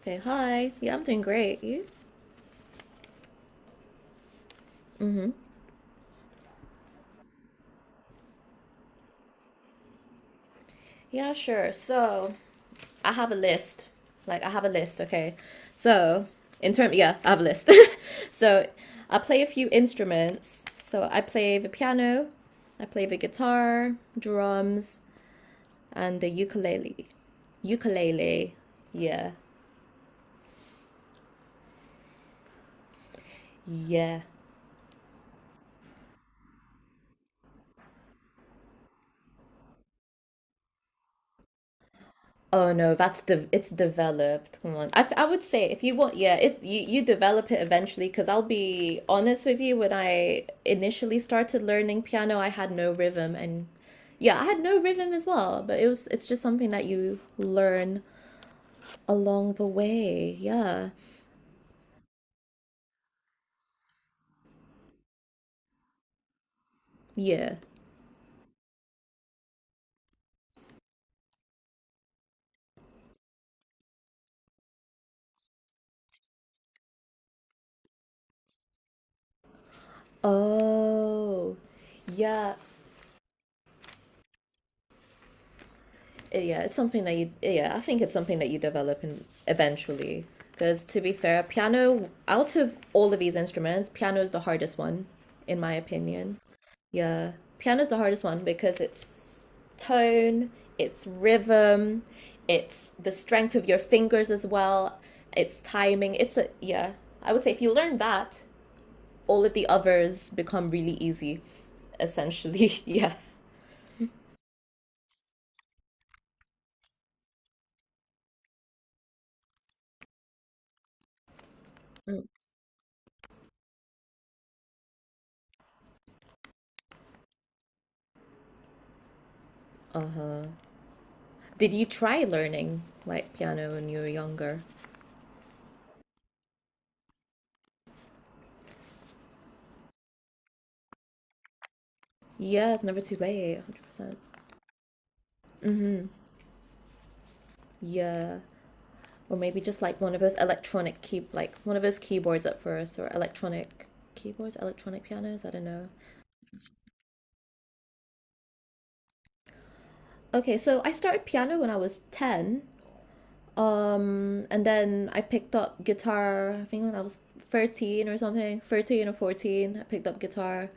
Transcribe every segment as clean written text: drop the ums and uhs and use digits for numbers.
Okay, hi. Yeah, I'm doing great. You? Yeah, sure. I have a list. Like, I have a list, okay? So, yeah, I have a list. So, I play a few instruments. So, I play the piano, I play the guitar, drums, and the ukulele. Ukulele. Yeah. Yeah. Oh no, that's de It's developed. Come on. I would say if you want, yeah, if you develop it eventually, because I'll be honest with you, when I initially started learning piano, I had no rhythm, and yeah, I had no rhythm as well. But it's just something that you learn along the way. Yeah, yeah. Oh, yeah. Yeah, it's something that you I think it's something that you develop in eventually. Because to be fair, piano out of all of these instruments, piano is the hardest one, in my opinion. Yeah, piano is the hardest one because it's tone, it's rhythm, it's the strength of your fingers as well, it's timing. It's a Yeah. I would say if you learn that, all of the others become really easy, essentially. Yeah. Uh huh. Did you try learning like piano when you were younger? Yeah, it's never too late, 100%. Yeah. Or maybe just like one of those electronic key like one of those keyboards at first or electronic keyboards, electronic pianos, I don't know. Okay, so I started piano when I was 10. And then I picked up guitar, I think when I was 13 or something, 13 or 14, I picked up guitar.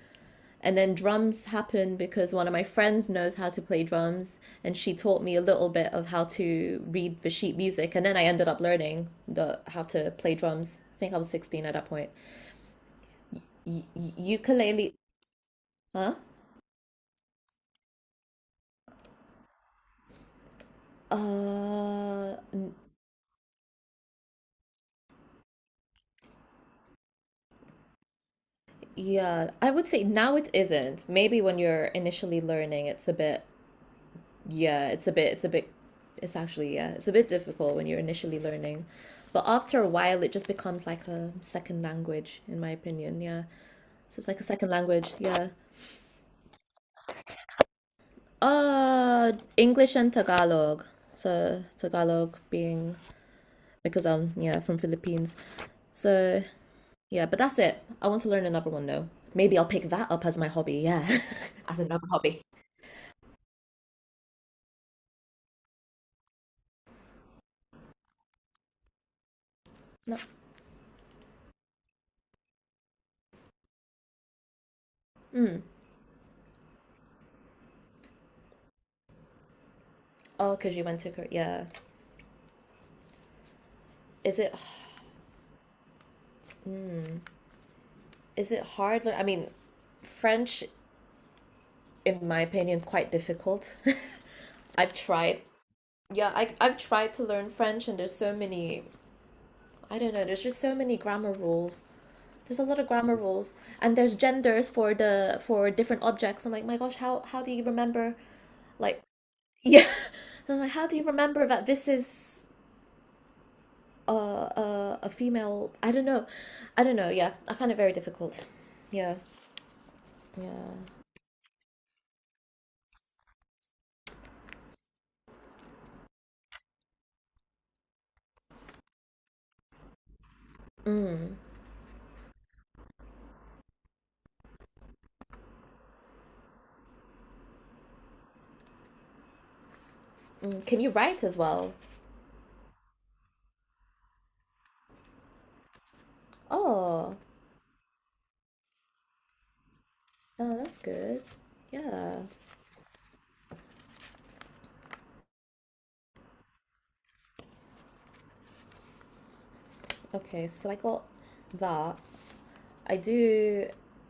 And then drums happened because one of my friends knows how to play drums, and she taught me a little bit of how to read the sheet music. And then I ended up learning the how to play drums. I think I was 16 at that point. Ukulele, huh? Uh, n- yeah, I would say now it isn't. Maybe when you're initially learning, it's a bit, it's actually, yeah, it's a bit difficult when you're initially learning. But after a while, it just becomes like a second language, in my opinion, yeah. So it's like a second language, yeah. English and Tagalog. So Tagalog being because I'm yeah from Philippines. So yeah, but that's it. I want to learn another one though. Maybe I'll pick that up as my hobby. Yeah. As another hobby. No. Oh, because you went to Korea. Yeah. Is it is it hard? I mean, French, in my opinion, is quite difficult. I've tried. Yeah, I've tried to learn French, and there's so many. I don't know. There's just so many grammar rules. There's a lot of grammar rules, and there's genders for the for different objects. I'm like, my gosh, how do you remember? Like, yeah, I'm like, how do you remember that this is a female? I don't know. Yeah, I find it very difficult. Yeah, yeah. Mm, mm. Can you write as well? Oh, oh, that's good. Yeah. Okay, so I got that. I do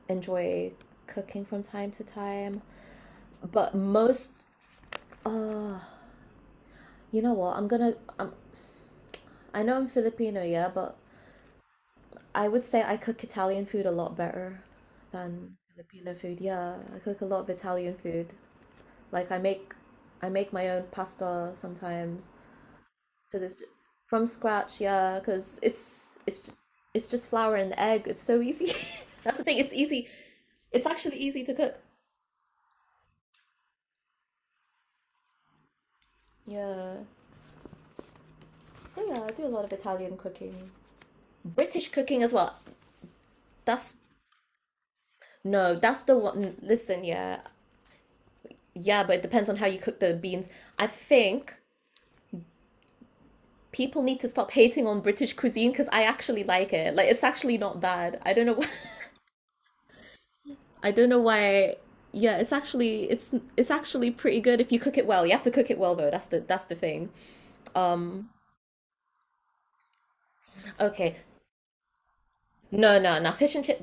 enjoy cooking from time to time, but most. Uh, You know what? I know I'm Filipino, yeah, but I would say I cook Italian food a lot better than Filipino food. Yeah, I cook a lot of Italian food. Like I make, I make my own pasta sometimes because it's from scratch. Yeah, because it's just flour and egg. It's so easy. That's the thing. It's easy. It's actually easy to cook. Yeah. So yeah, I do a lot of Italian cooking. British cooking as well. That's No, that's the one. Listen, yeah, yeah, but it depends on how you cook the beans. I think people need to stop hating on British cuisine because I actually like it. Like it's actually not bad. I don't know why. I don't know why. Yeah, it's actually pretty good if you cook it well. You have to cook it well though. That's the thing. Um, okay. No, no, no. Fish and chip.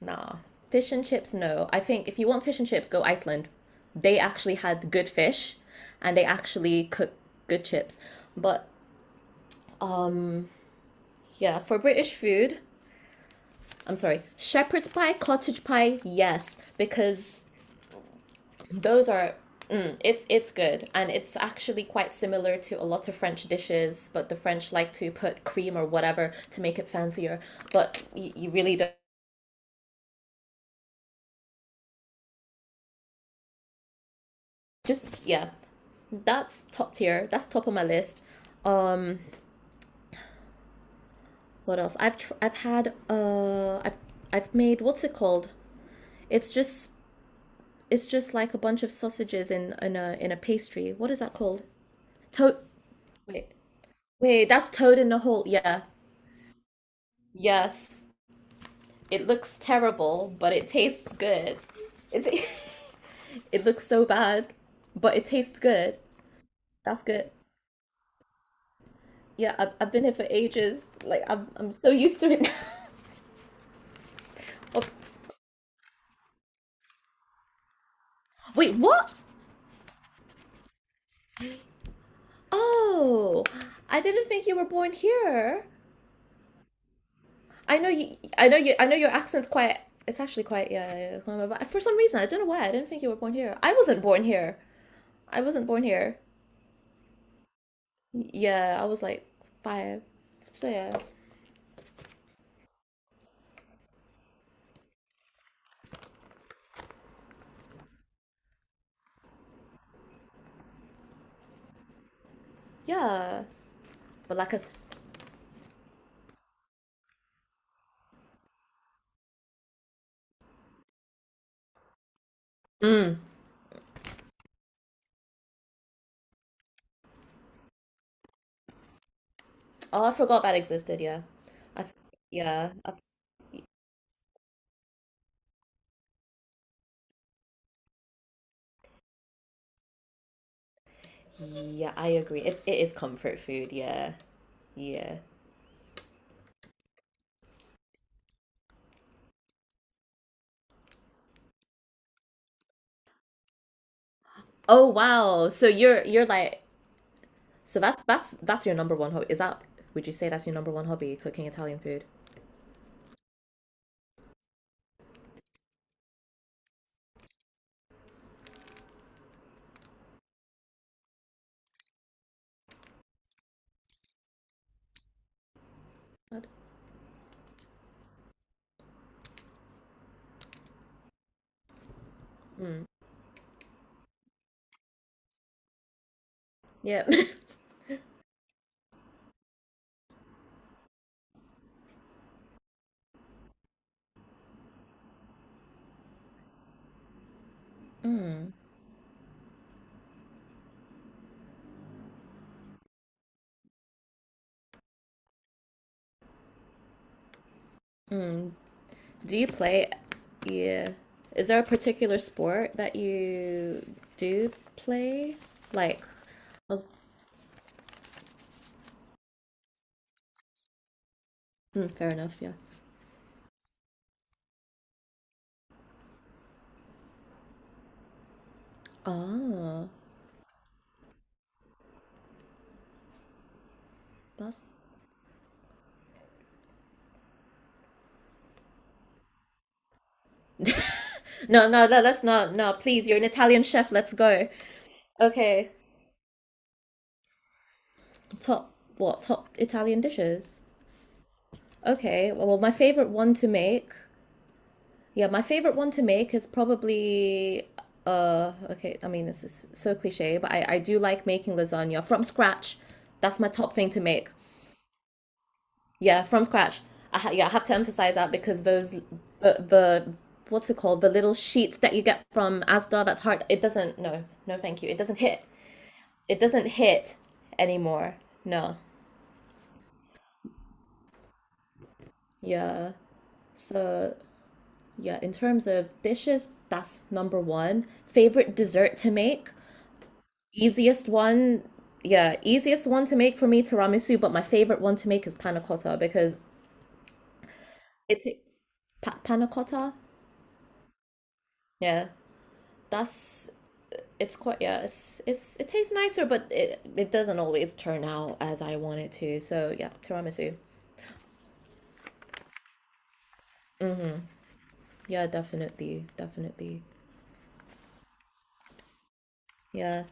Nah. Fish and chips, no. I think if you want fish and chips, go Iceland. They actually had good fish and they actually cook good chips. But yeah, for British food, I'm sorry, shepherd's pie, cottage pie, yes, because those are mm, it's good and it's actually quite similar to a lot of French dishes, but the French like to put cream or whatever to make it fancier, but you really don't just yeah, that's top tier. That's top of my list. Um, what else? I've tr- I've had I've made what's it called? It's just it's just like a bunch of sausages in in a pastry. What is that called? To- wait Wait, that's toad in the hole. Yeah. Yes. It looks terrible, but it tastes good. It, ta- it looks so bad, but it tastes good. That's good. Yeah, I've been here for ages. Like, I'm so used to it now. Oh, wait, what? Oh, I didn't think you were born here. I know your accent's quite, it's actually quite, yeah, yeah, yeah, yeah. For some reason, I don't know why, I didn't think you were born here. I wasn't born here. Yeah, I was like five. So yeah. Yeah. But like I s- Mm. Oh, I forgot that existed. Yeah, I, f- yeah, I, f- yeah. I agree. It is comfort food. Yeah, yeah. Oh wow. So you're like So that's your number one hobby. Is that Would you say that's your number one hobby? Cooking Italian food. God. Mm. Yeah. Mm. Do you play? Yeah. Is there a particular sport that you do play? Like, I was hmm. Fair enough, yeah. Ah, pasta. No, no, no, let's not. No, please, you're an Italian chef. Let's go. Okay. Top, what? Top Italian dishes. Okay. Well, my favorite one to make. Yeah, my favorite one to make is probably okay, I mean, this is so cliche, but I do like making lasagna from scratch. That's my top thing to make. Yeah, from scratch. Yeah, I have to emphasize that because those the what's it called, the little sheets that you get from Asda that's hard. It doesn't, no, no thank you. It doesn't hit. It doesn't hit anymore. No. Yeah. So yeah, in terms of dishes, that's number one. Favorite dessert to make, easiest one. Yeah, easiest one to make for me tiramisu, but my favorite one to make is panna cotta because it ta- panna cotta. Yeah, that's it's it tastes nicer but it doesn't always turn out as I want it to, so yeah, tiramisu, yeah, definitely, definitely, yeah,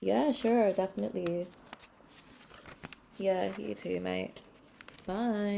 yeah, sure, definitely. Yeah, you too mate. Bye.